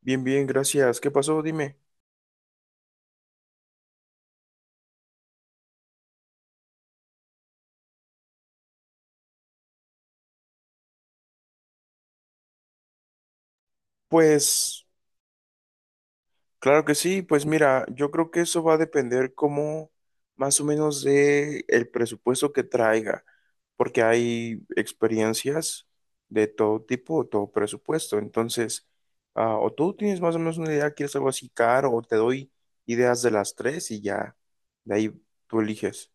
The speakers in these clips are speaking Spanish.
Bien, bien, gracias. ¿Qué pasó? Dime. Pues, claro que sí. Pues mira, yo creo que eso va a depender como más o menos de el presupuesto que traiga, porque hay experiencias de todo tipo, todo presupuesto. Entonces, o tú tienes más o menos una idea, quieres algo así caro, o te doy ideas de las tres y ya, de ahí tú eliges.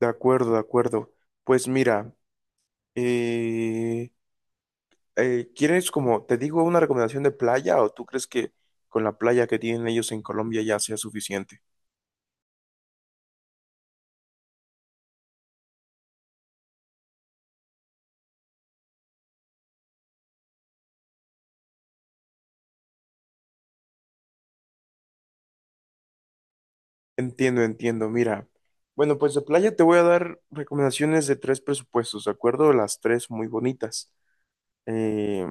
De acuerdo, de acuerdo. Pues mira, eh, ¿quieres como, te digo, una recomendación de playa o tú crees que con la playa que tienen ellos en Colombia ya sea suficiente? Entiendo, entiendo. Mira, bueno, pues de playa te voy a dar recomendaciones de tres presupuestos, ¿de acuerdo? Las tres muy bonitas. Eh,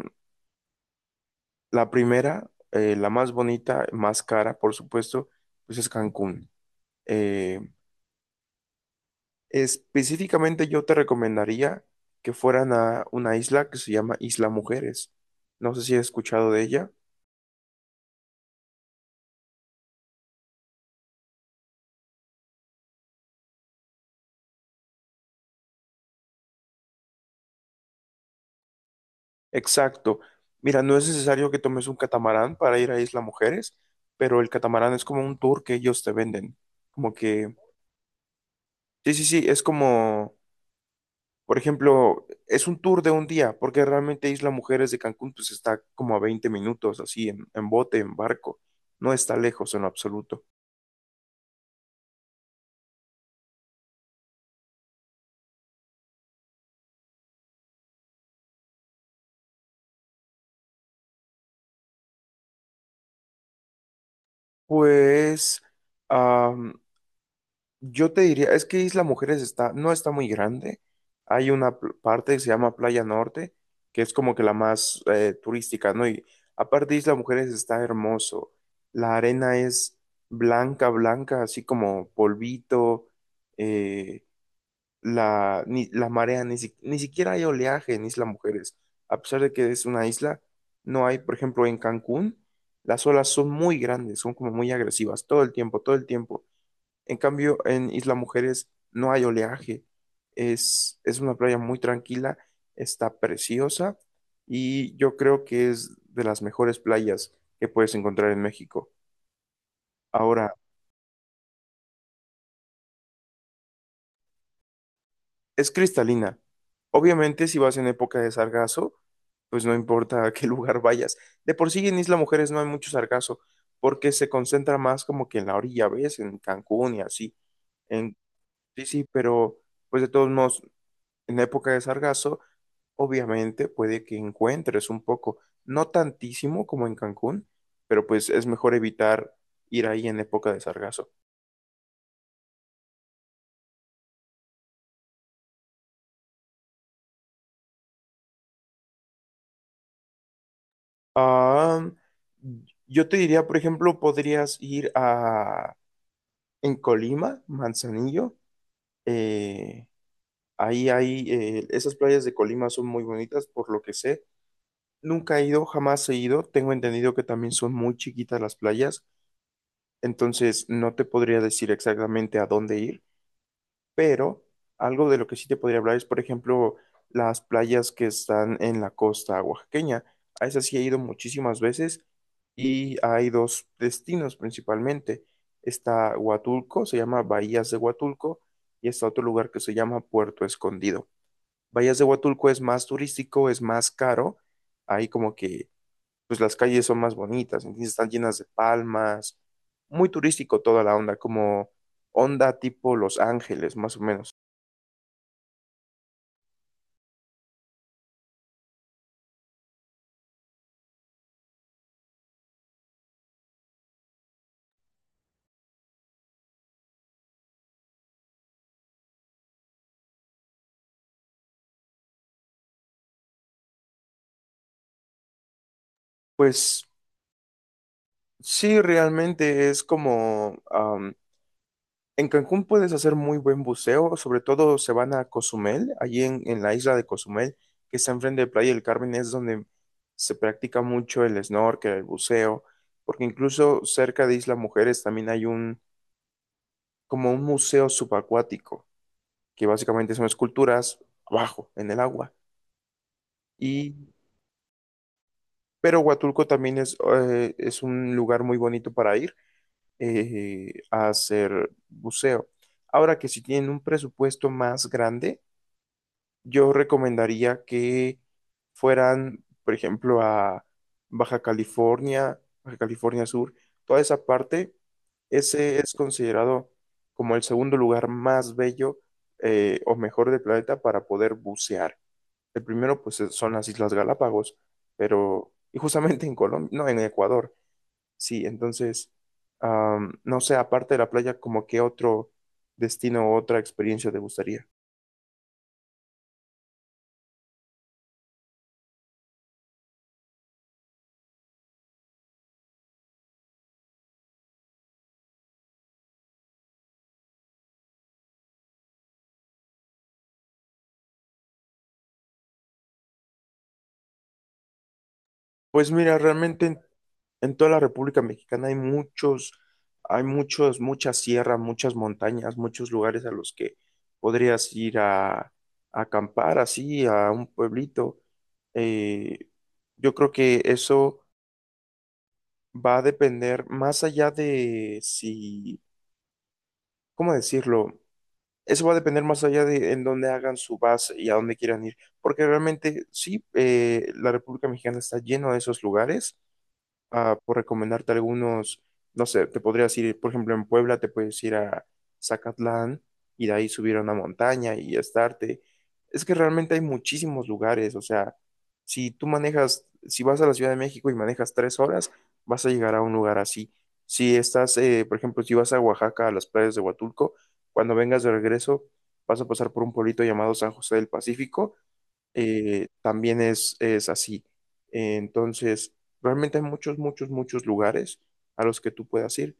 la primera, la más bonita, más cara, por supuesto, pues es Cancún. Eh, Específicamente yo te recomendaría que fueran a una isla que se llama Isla Mujeres. No sé si has escuchado de ella. Exacto. Mira, no es necesario que tomes un catamarán para ir a Isla Mujeres, pero el catamarán es como un tour que ellos te venden. Como que, sí, sí, sí, es como, por ejemplo, es un tour de un día, porque realmente Isla Mujeres de Cancún pues está como a 20 minutos, así, en bote, en barco. No está lejos en lo absoluto. Pues, am, yo te diría, es que Isla Mujeres está, no está muy grande. Hay una parte que se llama Playa Norte, que es como que la más turística, ¿no? Y aparte Isla Mujeres está hermoso. La arena es blanca, blanca, así como polvito. eh, la marea, ni siquiera hay oleaje en Isla Mujeres. A pesar de que es una isla, no hay, por ejemplo, en Cancún, las olas son muy grandes, son como muy agresivas, todo el tiempo, todo el tiempo. En cambio, en Isla Mujeres no hay oleaje. Es una playa muy tranquila, está preciosa y yo creo que es de las mejores playas que puedes encontrar en México. Ahora, es cristalina. Obviamente, si vas en época de sargazo, pues no importa a qué lugar vayas. De por sí en Isla Mujeres no hay mucho sargazo porque se concentra más como que en la orilla, ¿ves? En Cancún y así. En, sí, sí, pero pues de todos modos, en época de sargazo obviamente puede que encuentres un poco, no tantísimo como en Cancún, pero pues es mejor evitar ir ahí en época de sargazo. Ah, yo te diría, por ejemplo, podrías ir a en Colima, Manzanillo. eh, Ahí hay esas playas de Colima son muy bonitas, por lo que sé. Nunca he ido, jamás he ido. Tengo entendido que también son muy chiquitas las playas, entonces no te podría decir exactamente a dónde ir, pero algo de lo que sí te podría hablar es, por ejemplo, las playas que están en la costa oaxaqueña. A esas sí he ido muchísimas veces y hay dos destinos principalmente. Está Huatulco, se llama Bahías de Huatulco, y está otro lugar que se llama Puerto Escondido. Bahías de Huatulco es más turístico, es más caro. Ahí como que, pues las calles son más bonitas, entonces están llenas de palmas. Muy turístico toda la onda, como onda tipo Los Ángeles, más o menos. Pues sí, realmente es como, en Cancún puedes hacer muy buen buceo, sobre todo se van a Cozumel, allí en, la isla de Cozumel, que está enfrente de Playa del Carmen, es donde se practica mucho el snorkel, el buceo, porque incluso cerca de Isla Mujeres también hay como un museo subacuático, que básicamente son esculturas abajo, en el agua. Y, pero Huatulco también es un lugar muy bonito para ir a hacer buceo. Ahora que si tienen un presupuesto más grande, yo recomendaría que fueran, por ejemplo, a Baja California, Baja California Sur, toda esa parte, ese es considerado como el segundo lugar más bello o mejor del planeta para poder bucear. El primero, pues, son las Islas Galápagos, pero, y justamente en Colombia, no, en Ecuador. Sí, entonces, no sé, aparte de la playa, ¿como qué otro destino o otra experiencia te gustaría? Pues mira, realmente en, toda la República Mexicana hay muchos, muchas sierras, muchas montañas, muchos lugares a los que podrías ir a acampar así, a un pueblito. Eh, yo creo que eso va a depender más allá de si, ¿cómo decirlo? Eso va a depender más allá de en dónde hagan su base y a dónde quieran ir, porque realmente sí, la República Mexicana está lleno de esos lugares. Por recomendarte algunos, no sé, te podrías ir, por ejemplo, en Puebla, te puedes ir a Zacatlán y de ahí subir a una montaña y estarte. Es que realmente hay muchísimos lugares, o sea, si tú manejas, si vas a la Ciudad de México y manejas 3 horas, vas a llegar a un lugar así. Si estás, por ejemplo, si vas a Oaxaca, a las playas de Huatulco, cuando vengas de regreso, vas a pasar por un pueblito llamado San José del Pacífico. También es así. Entonces, realmente hay muchos, muchos, muchos lugares a los que tú puedas ir.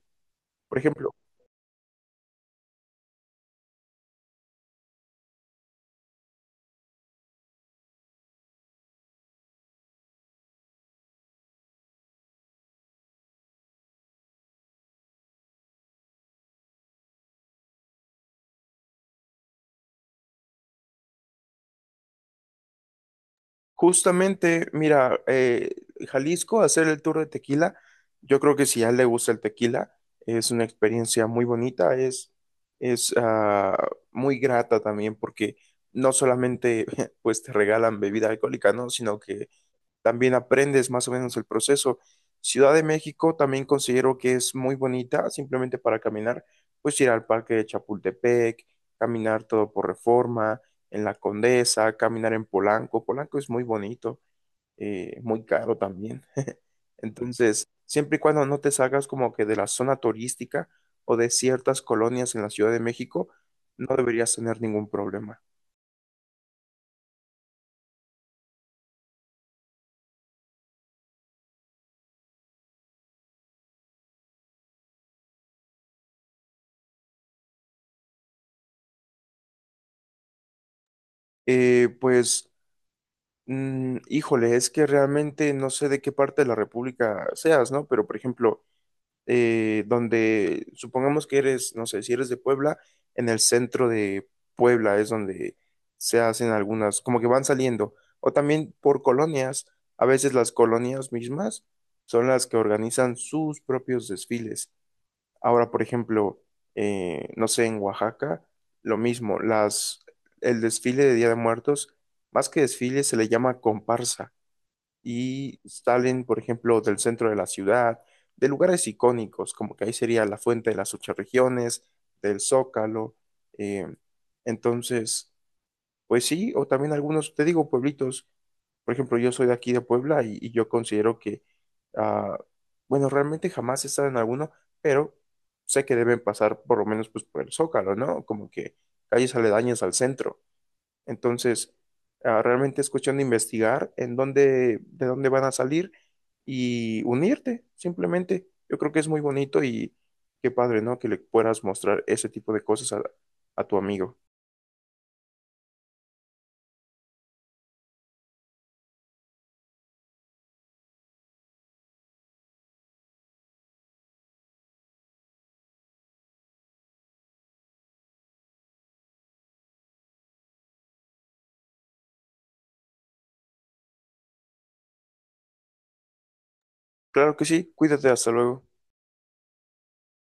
Por ejemplo, justamente, mira, Jalisco, hacer el tour de tequila, yo creo que si a él le gusta el tequila, es una experiencia muy bonita, es ah, muy grata también porque no solamente pues te regalan bebida alcohólica, ¿no? Sino que también aprendes más o menos el proceso. Ciudad de México también considero que es muy bonita, simplemente para caminar, pues ir al Parque de Chapultepec, caminar todo por Reforma, en la Condesa, caminar en Polanco. Polanco es muy bonito, muy caro también. Entonces, siempre y cuando no te salgas como que de la zona turística o de ciertas colonias en la Ciudad de México, no deberías tener ningún problema. Pues, híjole, es que realmente no sé de qué parte de la República seas, ¿no? Pero, por ejemplo, donde supongamos que eres, no sé, si eres de Puebla, en el centro de Puebla es donde se hacen algunas, como que van saliendo. O también por colonias, a veces las colonias mismas son las que organizan sus propios desfiles. Ahora, por ejemplo, no sé, en Oaxaca, lo mismo, el desfile de Día de Muertos, más que desfile, se le llama comparsa y salen, por ejemplo, del centro de la ciudad, de lugares icónicos, como que ahí sería la Fuente de las Ocho Regiones, del Zócalo. eh, entonces, pues sí, o también algunos, te digo, pueblitos. Por ejemplo, yo soy de aquí de Puebla y yo considero que, ah, bueno, realmente jamás he estado en alguno, pero sé que deben pasar por lo menos pues por el Zócalo, ¿no? Como que calles aledañas al centro. Entonces, realmente es cuestión de investigar en dónde, de dónde van a salir y unirte, simplemente. Yo creo que es muy bonito y qué padre, ¿no? Que le puedas mostrar ese tipo de cosas a tu amigo. Claro que sí, cuídate, hasta luego.